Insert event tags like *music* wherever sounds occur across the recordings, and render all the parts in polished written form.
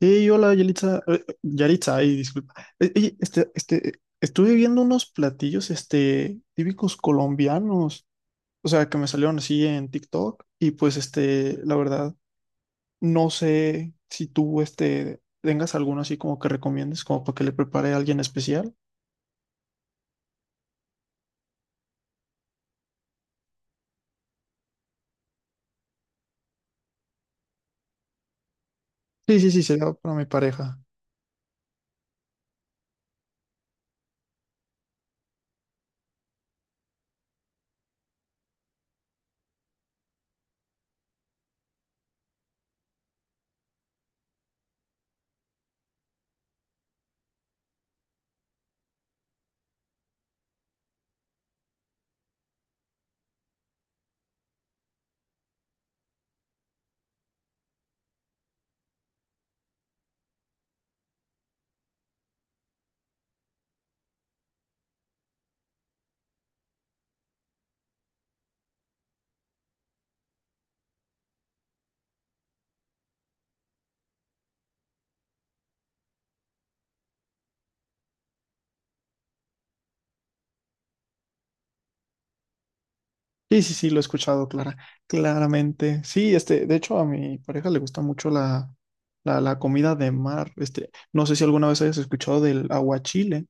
Hey, hola, Yalitza. Yaritza, ay, disculpa. Estuve viendo unos platillos, típicos colombianos, o sea, que me salieron así en TikTok y pues, la verdad, no sé si tú, tengas alguno así como que recomiendes, como para que le prepare a alguien especial. Sí, sí, sí, sería para mi pareja. Sí, sí, sí, lo he escuchado, Clara, claramente. Sí, de hecho, a mi pareja le gusta mucho la comida de mar. Este, no sé si alguna vez hayas escuchado del aguachile.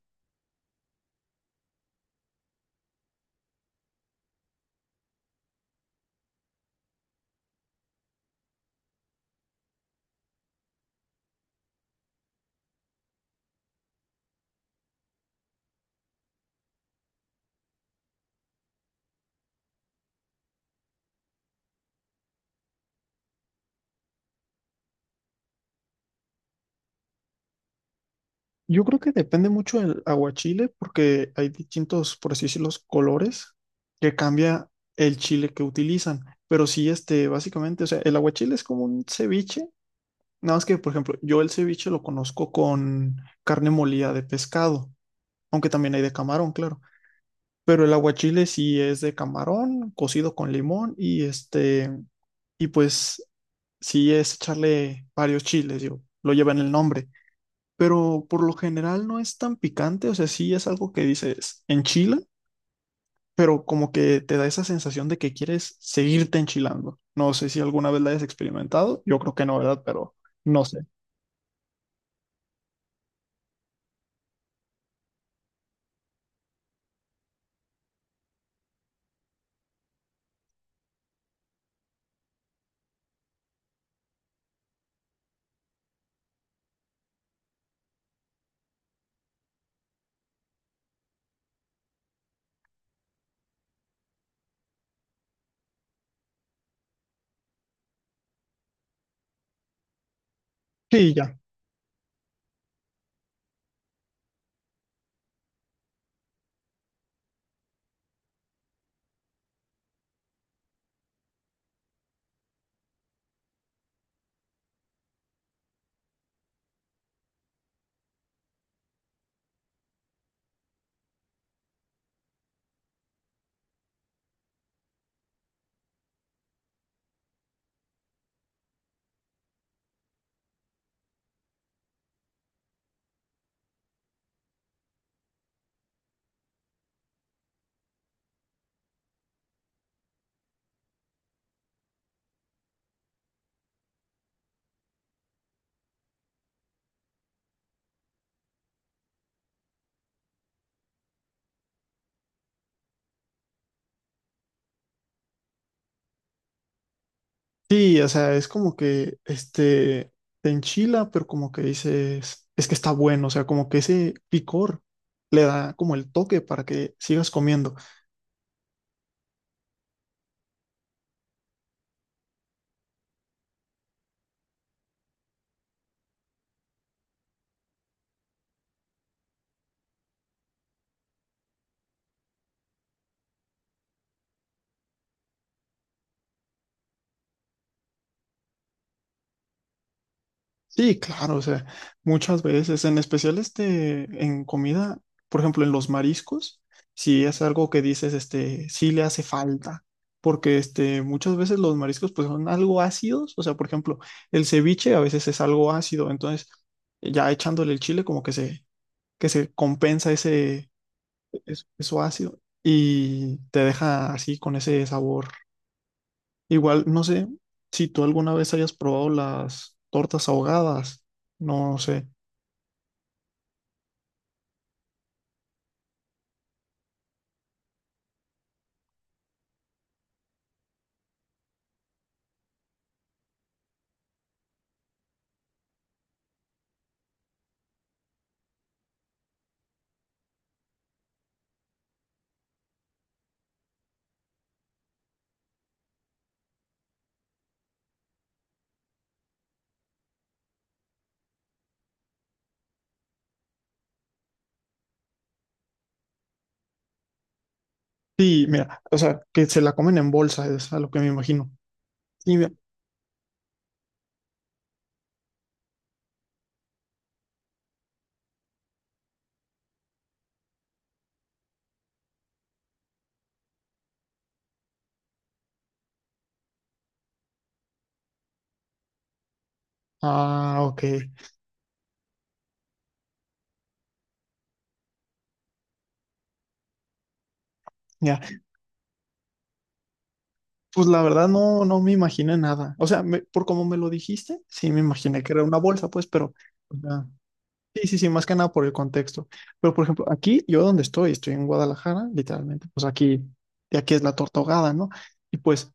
Yo creo que depende mucho del aguachile porque hay distintos, por así decirlo, colores que cambia el chile que utilizan. Pero sí, básicamente, o sea, el aguachile es como un ceviche. Nada más que, por ejemplo, yo el ceviche lo conozco con carne molida de pescado, aunque también hay de camarón, claro. Pero el aguachile sí es de camarón, cocido con limón y y pues sí es echarle varios chiles, yo lo lleva en el nombre. Pero por lo general no es tan picante, o sea, sí es algo que dices enchila, pero como que te da esa sensación de que quieres seguirte enchilando. No sé si alguna vez la hayas experimentado, yo creo que no, ¿verdad? Pero no sé. Sí, ya. Sí, o sea, es como que te enchila, pero como que dices, es que está bueno, o sea, como que ese picor le da como el toque para que sigas comiendo. Sí, claro, o sea, muchas veces, en especial en comida, por ejemplo, en los mariscos, si es algo que dices, sí le hace falta, porque muchas veces los mariscos pues son algo ácidos, o sea, por ejemplo, el ceviche a veces es algo ácido, entonces ya echándole el chile como que se compensa ese, eso ácido y te deja así con ese sabor. Igual, no sé si tú alguna vez hayas probado las tortas ahogadas. No sé. Sí, mira, o sea, que se la comen en bolsa, es a lo que me imagino. Sí, mira. Ah, ok. Ya. Pues la verdad no, no me imaginé nada. O sea, por como me lo dijiste, sí me imaginé que era una bolsa, pues, pero o sea, sí, sí, sí, más que nada por el contexto. Pero, por ejemplo, aquí, yo donde estoy, estoy en Guadalajara, literalmente. Pues aquí, de aquí es la torta ahogada, ¿no? Y pues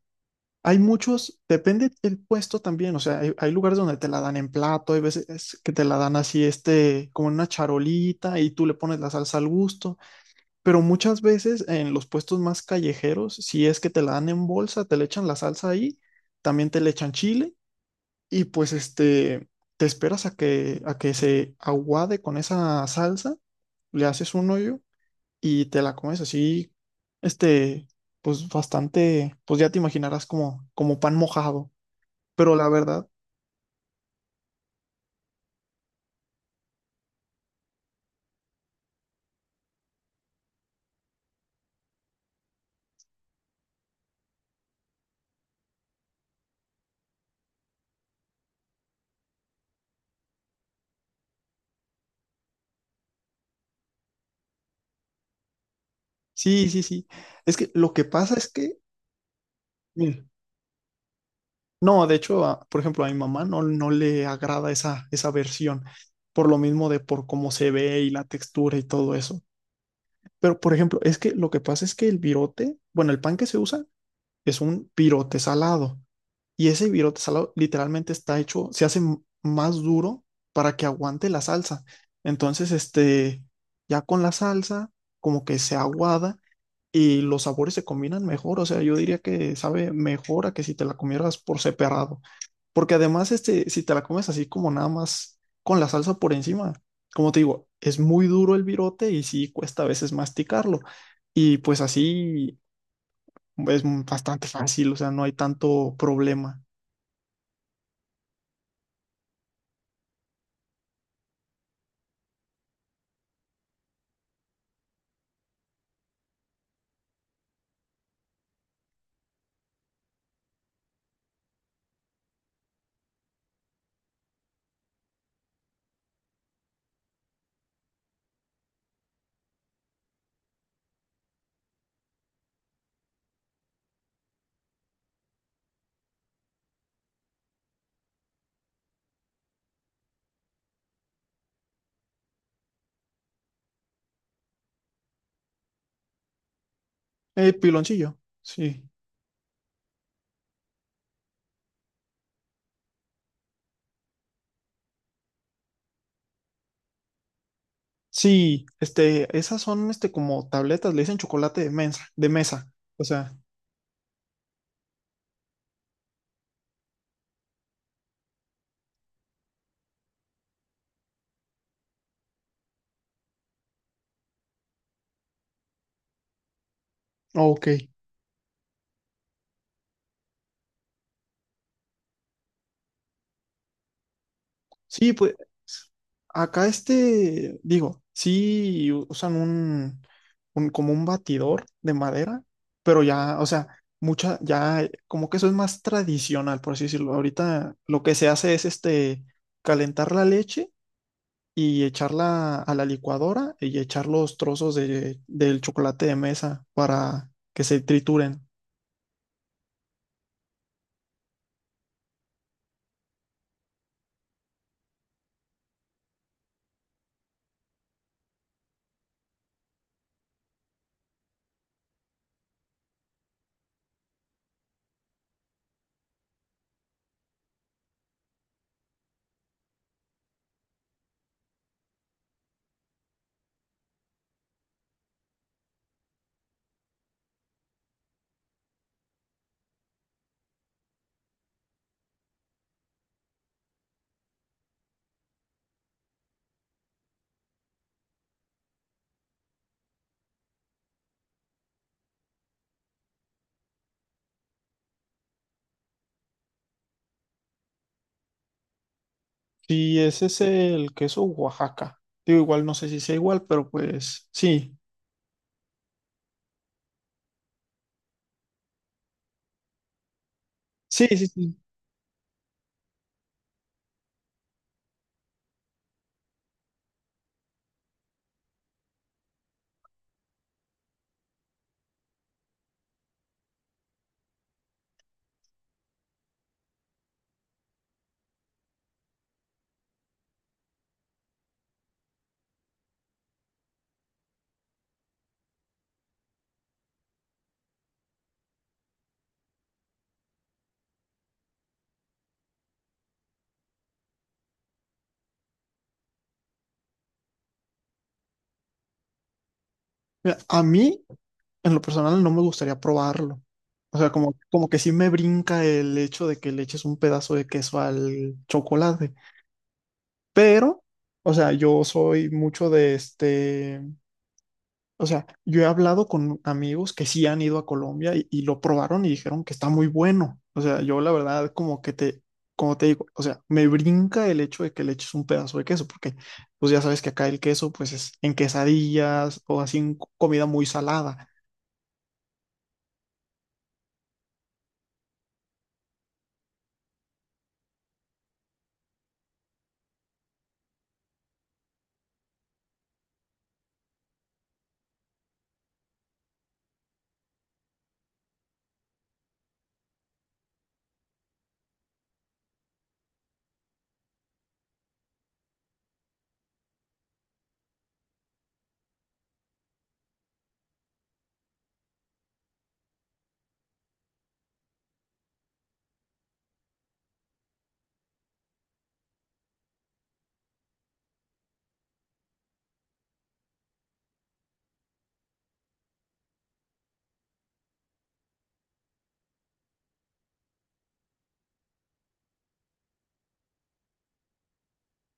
hay muchos, depende del puesto también, o sea, hay lugares donde te la dan en plato, hay veces que te la dan así, como en una charolita y tú le pones la salsa al gusto, pero muchas veces en los puestos más callejeros, si es que te la dan en bolsa, te le echan la salsa ahí, también te le echan chile y pues te esperas a que se aguade con esa salsa, le haces un hoyo y te la comes así, este, pues bastante, pues ya te imaginarás como, como pan mojado. Pero la verdad, sí, sí, sí. Es que lo que pasa es que, mira, no, de hecho, por ejemplo, a mi mamá no, no le agrada esa, esa versión, por lo mismo de por cómo se ve y la textura y todo eso. Pero, por ejemplo, es que lo que pasa es que el virote, bueno, el pan que se usa es un virote salado. Y ese virote salado literalmente está hecho, se hace más duro para que aguante la salsa. Entonces, ya con la salsa, como que se aguada y los sabores se combinan mejor, o sea, yo diría que sabe mejor a que si te la comieras por separado, porque además si te la comes así como nada más con la salsa por encima, como te digo, es muy duro el virote y sí cuesta a veces masticarlo, y pues así es bastante fácil, o sea, no hay tanto problema. Piloncillo, sí. Sí, esas son este como tabletas, le dicen chocolate de mesa, o sea, ok. Sí, pues acá digo, sí usan como un batidor de madera, pero ya, o sea, mucha, ya como que eso es más tradicional, por así decirlo. Ahorita lo que se hace es calentar la leche y echarla a la licuadora y echar los trozos de, del chocolate de mesa para que se trituren. Sí, ese es el queso Oaxaca. Digo, igual no sé si sea igual, pero pues sí. Sí, sí, sí. Mira, a mí, en lo personal, no me gustaría probarlo. O sea, como, como que sí me brinca el hecho de que le eches un pedazo de queso al chocolate. Pero, o sea, yo soy mucho de este. O sea, yo he hablado con amigos que sí han ido a Colombia y lo probaron y dijeron que está muy bueno. O sea, yo la verdad, como que te, como te digo, o sea, me brinca el hecho de que le eches un pedazo de queso, porque pues ya sabes que acá el queso, pues es en quesadillas o así en comida muy salada.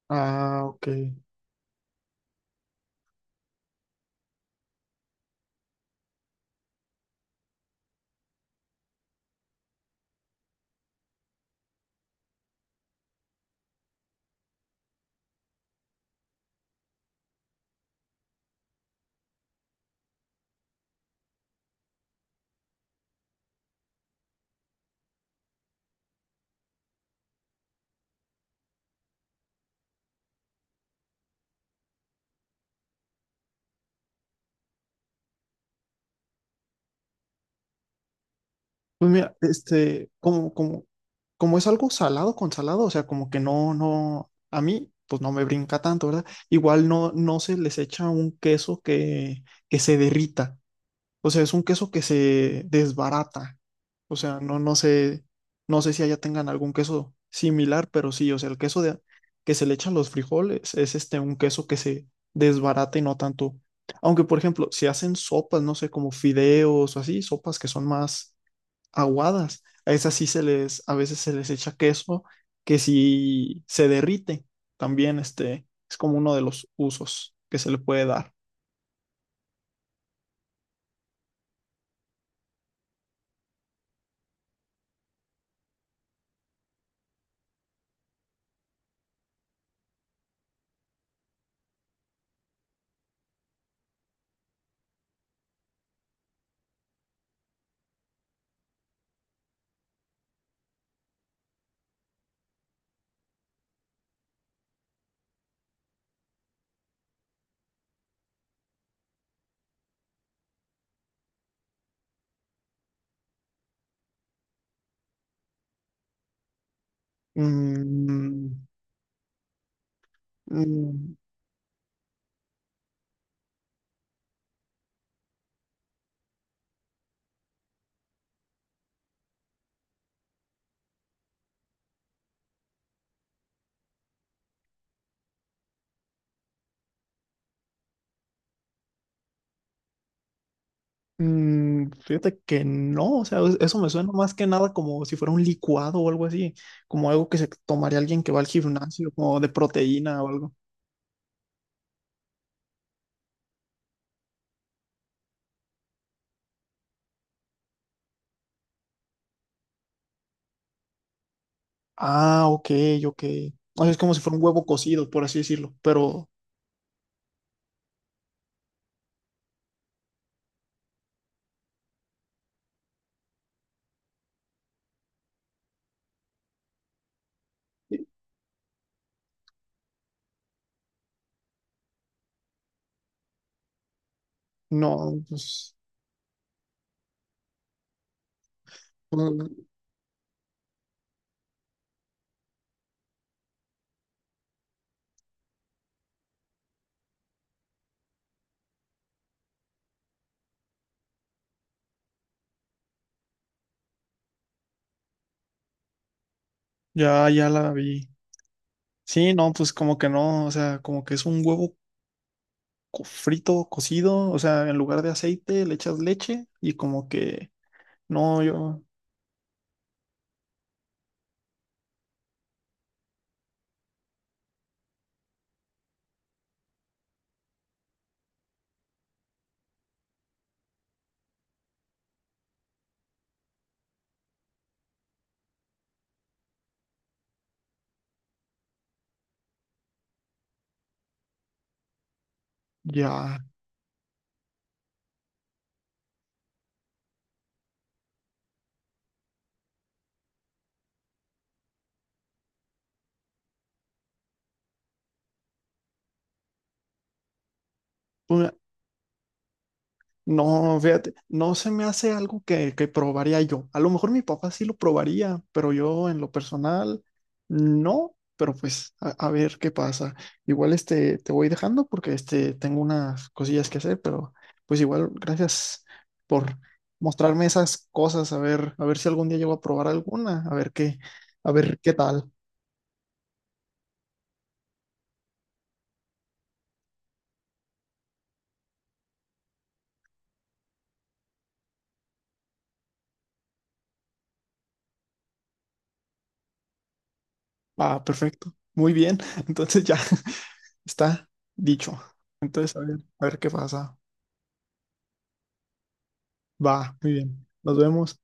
Ah, ok. Pues mira, como es algo salado con salado, o sea, como que no, no, a mí, pues no me brinca tanto, ¿verdad? Igual no, no se les echa un queso que se derrita. O sea, es un queso que se desbarata. O sea, no, no sé, no sé si allá tengan algún queso similar, pero sí, o sea, el queso de, que se le echa a los frijoles es un queso que se desbarata y no tanto. Aunque, por ejemplo, si hacen sopas, no sé, como fideos o así, sopas que son más aguadas, a esas sí se les, a veces se les echa queso que sí se derrite. También es como uno de los usos que se le puede dar. Mm, mm, mm, fíjate que no, o sea, eso me suena más que nada como si fuera un licuado o algo así, como algo que se tomaría alguien que va al gimnasio, como de proteína o algo. Ah, ok, ok. O sea, es como si fuera un huevo cocido, por así decirlo, pero no, pues mm, ya, ya la vi. Sí, no, pues como que no, o sea, como que es un huevo frito, cocido, o sea, en lugar de aceite le echas leche y como que no, yo ya. Pues, no, fíjate, no se me hace algo que probaría yo. A lo mejor mi papá sí lo probaría, pero yo en lo personal no, pero pues a ver qué pasa. Igual te voy dejando porque tengo unas cosillas que hacer, pero pues igual gracias por mostrarme esas cosas, a ver si algún día llego a probar alguna, a ver qué tal. Ah, perfecto. Muy bien. *laughs* Entonces ya *laughs* está dicho. Entonces, a ver qué pasa. Va, muy bien. Nos vemos.